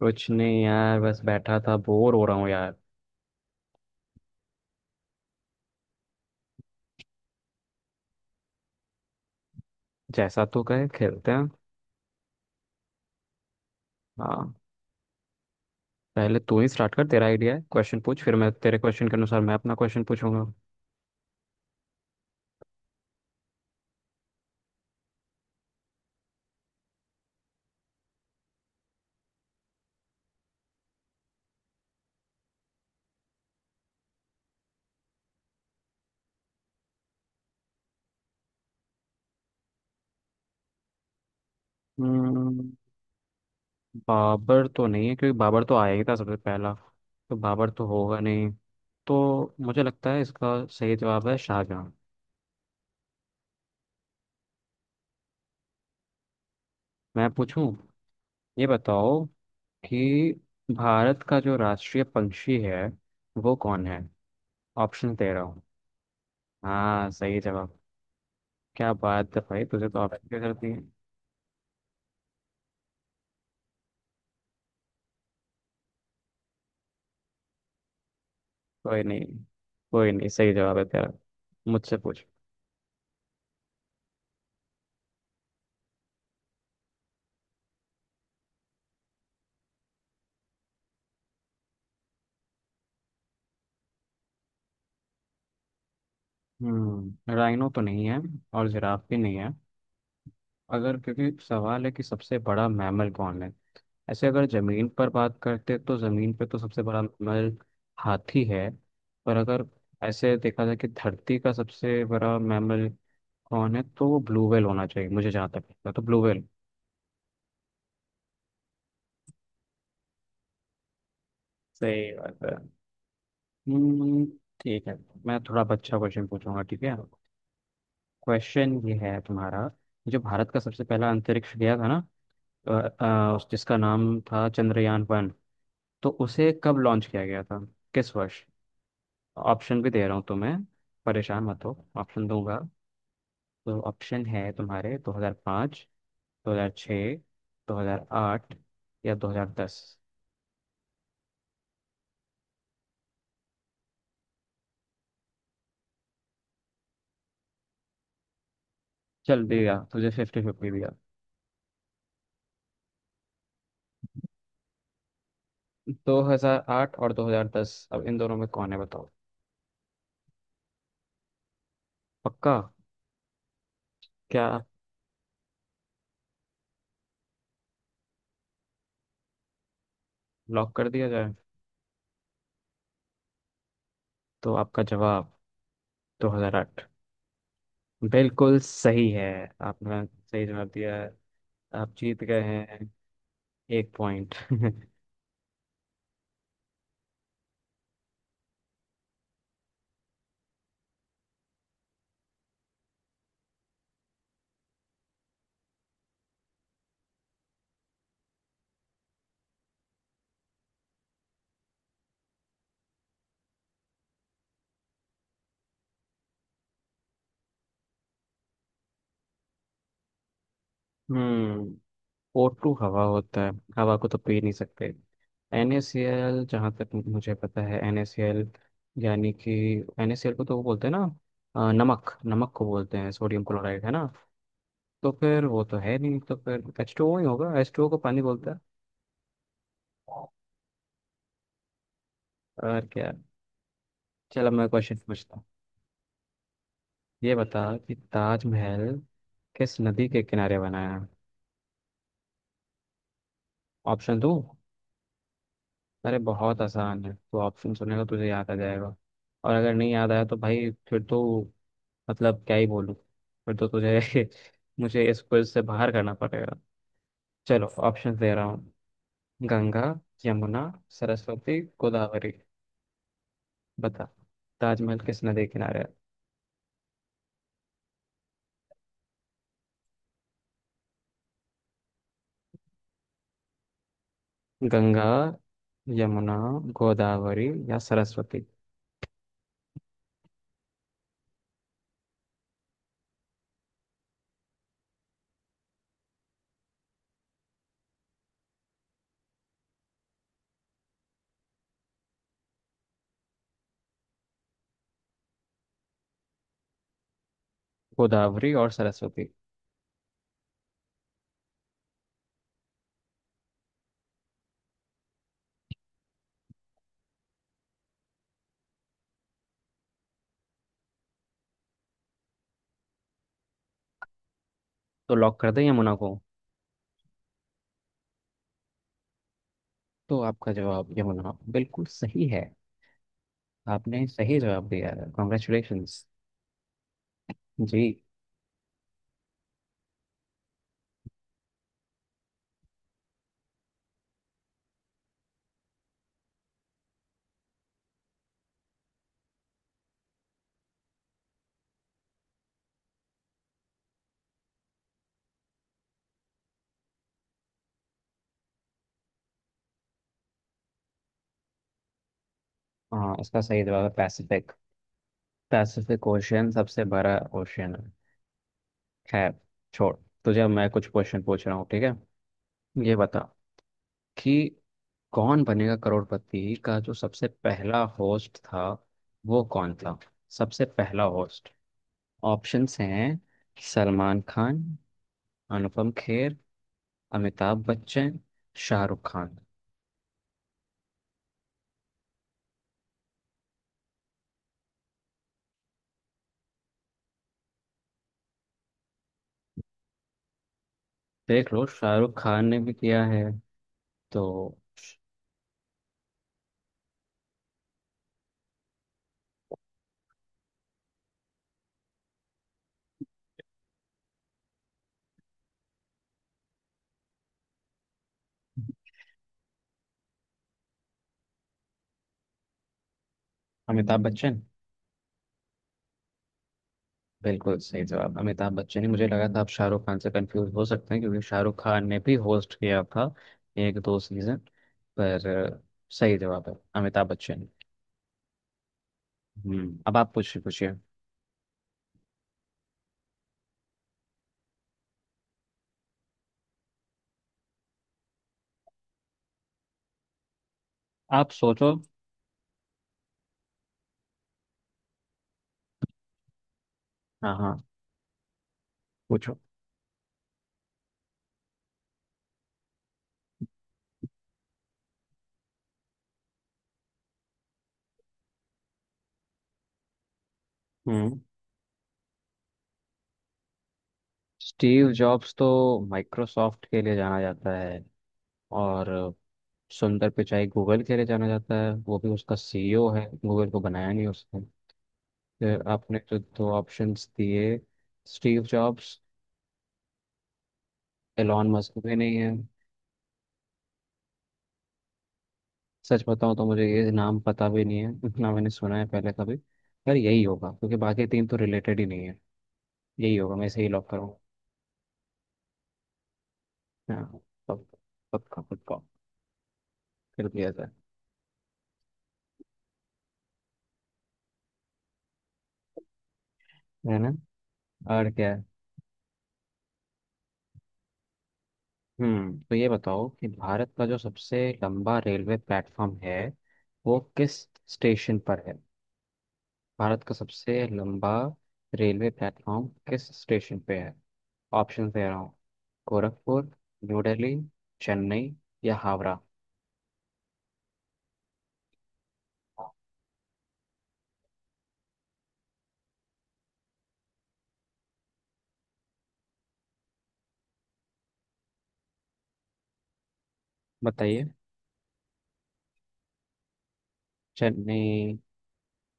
कुछ नहीं यार, बस बैठा था, बोर हो रहा हूँ यार। जैसा तू कहे खेलते हैं। हाँ, पहले तू ही स्टार्ट कर, तेरा आइडिया है। क्वेश्चन पूछ, फिर मैं तेरे क्वेश्चन के अनुसार मैं अपना क्वेश्चन पूछूंगा। हम्म, बाबर तो नहीं है, क्योंकि बाबर तो आया ही था सबसे पहला। तो बाबर तो होगा नहीं। तो मुझे लगता है इसका सही जवाब है शाहजहाँ। मैं पूछूं, ये बताओ कि भारत का जो राष्ट्रीय पंछी है, वो कौन है। ऑप्शन दे रहा हूँ। हाँ, सही जवाब। क्या बात है भाई, तुझे तो आप क्या करती है। कोई नहीं, कोई नहीं, सही जवाब है तेरा। मुझसे पूछ। हम्म, राइनो तो नहीं है, और जिराफ भी नहीं है। अगर, क्योंकि सवाल है कि सबसे बड़ा मैमल कौन है। ऐसे अगर जमीन पर बात करते तो जमीन पे तो सबसे बड़ा मैमल हाथी है। पर अगर ऐसे देखा जाए कि धरती का सबसे बड़ा मैमल कौन है, तो वो ब्लू व्हेल होना चाहिए। मुझे जहाँ तक लगता है तो ब्लू व्हेल। सही बात है। हम्म। ठीक है, मैं थोड़ा अब अच्छा क्वेश्चन पूछूंगा, ठीक है। क्वेश्चन ये है तुम्हारा। जो भारत का सबसे पहला अंतरिक्ष गया था ना, जिसका नाम था चंद्रयान वन, तो उसे कब लॉन्च किया गया था, किस वर्ष। ऑप्शन भी दे रहा हूँ तुम्हें, परेशान मत हो, ऑप्शन दूंगा। तो ऑप्शन है तुम्हारे 2005, 2006, 2008 या 2010। चल, दिया तुझे फिफ्टी फिफ्टी दिया। 2008 और 2010, अब इन दोनों में कौन है बताओ। पक्का? क्या, लॉक कर दिया जाए। तो आपका जवाब 2008 बिल्कुल सही है। आपने सही जवाब दिया है। आप जीत गए हैं एक पॉइंट हम्म। O2 हवा होता है, हवा को तो पी नहीं सकते। NaCl, जहाँ तक मुझे पता है NaCl, यानी कि NaCl को तो वो बोलते हैं ना, नमक, नमक को बोलते हैं सोडियम क्लोराइड है ना। तो फिर वो तो है नहीं, तो फिर H2O ही होगा, H2O को पानी बोलते हैं। और क्या, चलो मैं क्वेश्चन पूछता हूँ। ये बता कि ताजमहल किस नदी के किनारे बना है। ऑप्शन दो? अरे बहुत आसान है, तो ऑप्शन सुनेगा तुझे याद आ जाएगा। और अगर नहीं याद आया तो भाई फिर तो, मतलब क्या ही बोलूँ, फिर तो तुझे मुझे इस क्विज से बाहर करना पड़ेगा। चलो ऑप्शन दे रहा हूँ। गंगा, यमुना, सरस्वती, गोदावरी। बता, ताजमहल किस नदी किनारे है। गंगा, यमुना, गोदावरी या सरस्वती। गोदावरी और सरस्वती। तो लॉक कर दे यमुना को। तो आपका जवाब यमुना बिल्कुल सही है। आपने सही जवाब दिया है, कॉन्ग्रेचुलेशंस जी। हाँ, इसका सही जवाब है पैसिफिक। पैसिफिक ओशियन सबसे बड़ा ओशियन है। खैर, छोड़, तुझे अब मैं कुछ क्वेश्चन पूछ रहा हूँ, ठीक है। ये बता कि कौन बनेगा करोड़पति का जो सबसे पहला होस्ट था, वो कौन था। सबसे पहला होस्ट। ऑप्शंस हैं, सलमान खान, अनुपम खेर, अमिताभ बच्चन, शाहरुख खान। देख लो, शाहरुख खान ने भी किया है। तो, अमिताभ बच्चन बिल्कुल सही जवाब। अमिताभ बच्चन ही मुझे लगा था। आप शाहरुख खान से कंफ्यूज हो सकते हैं, क्योंकि शाहरुख खान ने भी होस्ट किया था एक दो सीजन। पर अ, सही जवाब है अमिताभ बच्चन। हम्म, अब आप पूछिए, पूछिए। आप सोचो। हाँ हाँ, पूछो। हम्म, स्टीव जॉब्स तो माइक्रोसॉफ्ट के लिए जाना जाता है, और सुंदर पिचाई गूगल के लिए जाना जाता है, वो भी उसका सीईओ है, गूगल को बनाया नहीं उसने। तो आपने जो दो ऑप्शंस दिए, स्टीव जॉब्स, एलॉन मस्क भी नहीं है। सच बताऊं तो मुझे ये नाम पता भी नहीं है इतना, मैंने सुना है पहले कभी। यार यही होगा, क्योंकि बाकी तीन तो रिलेटेड ही नहीं है। यही होगा, मैं सही लॉक करूँ। हाँ। पक्का। पक्का पक्का। कर दिया जाए। है ना, और क्या है? हम्म, तो ये बताओ कि भारत का जो सबसे लंबा रेलवे प्लेटफॉर्म है, वो किस स्टेशन पर है। भारत का सबसे लंबा रेलवे प्लेटफॉर्म किस स्टेशन पे है। ऑप्शन दे रहा हूँ। गोरखपुर, न्यू दिल्ली, चेन्नई या हावड़ा। बताइए। चेन्नई।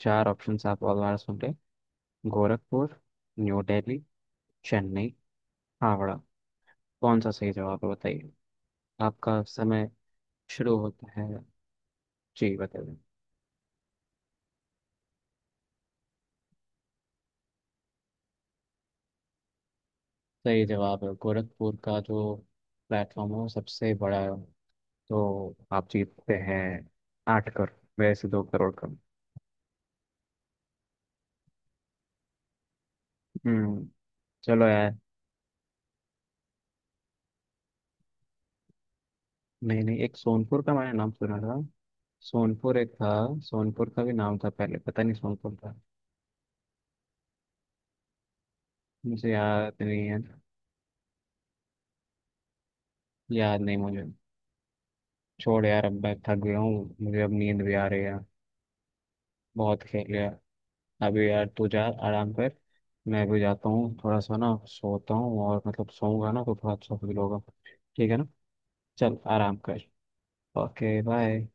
चार ऑप्शंस आप और बार सुन लें। गोरखपुर, न्यू दिल्ली, चेन्नई, हावड़ा। कौन सा सही जवाब है बताइए। आपका समय शुरू होता है। जी बताइए। सही जवाब है गोरखपुर का जो प्लेटफॉर्म है वो सबसे बड़ा है। तो आप जीतते हैं आठ कर, वैसे दो करोड़ कम। हम्म, चलो यार। नहीं नहीं, एक सोनपुर का मैंने नाम सुना था। सोनपुर एक था। सोनपुर का भी नाम था पहले, पता नहीं सोनपुर था। मुझे याद नहीं है। याद नहीं मुझे। छोड़ यार, अब मैं थक गया हूँ, मुझे अब नींद भी आ रही है। बहुत खेल लिया अभी, यार तू जा आराम कर। मैं भी जाता हूँ, थोड़ा सा ना सोता हूँ, और मतलब सोऊंगा ना तो थोड़ा अच्छा फील होगा। ठीक है ना, चल आराम कर। Okay bye.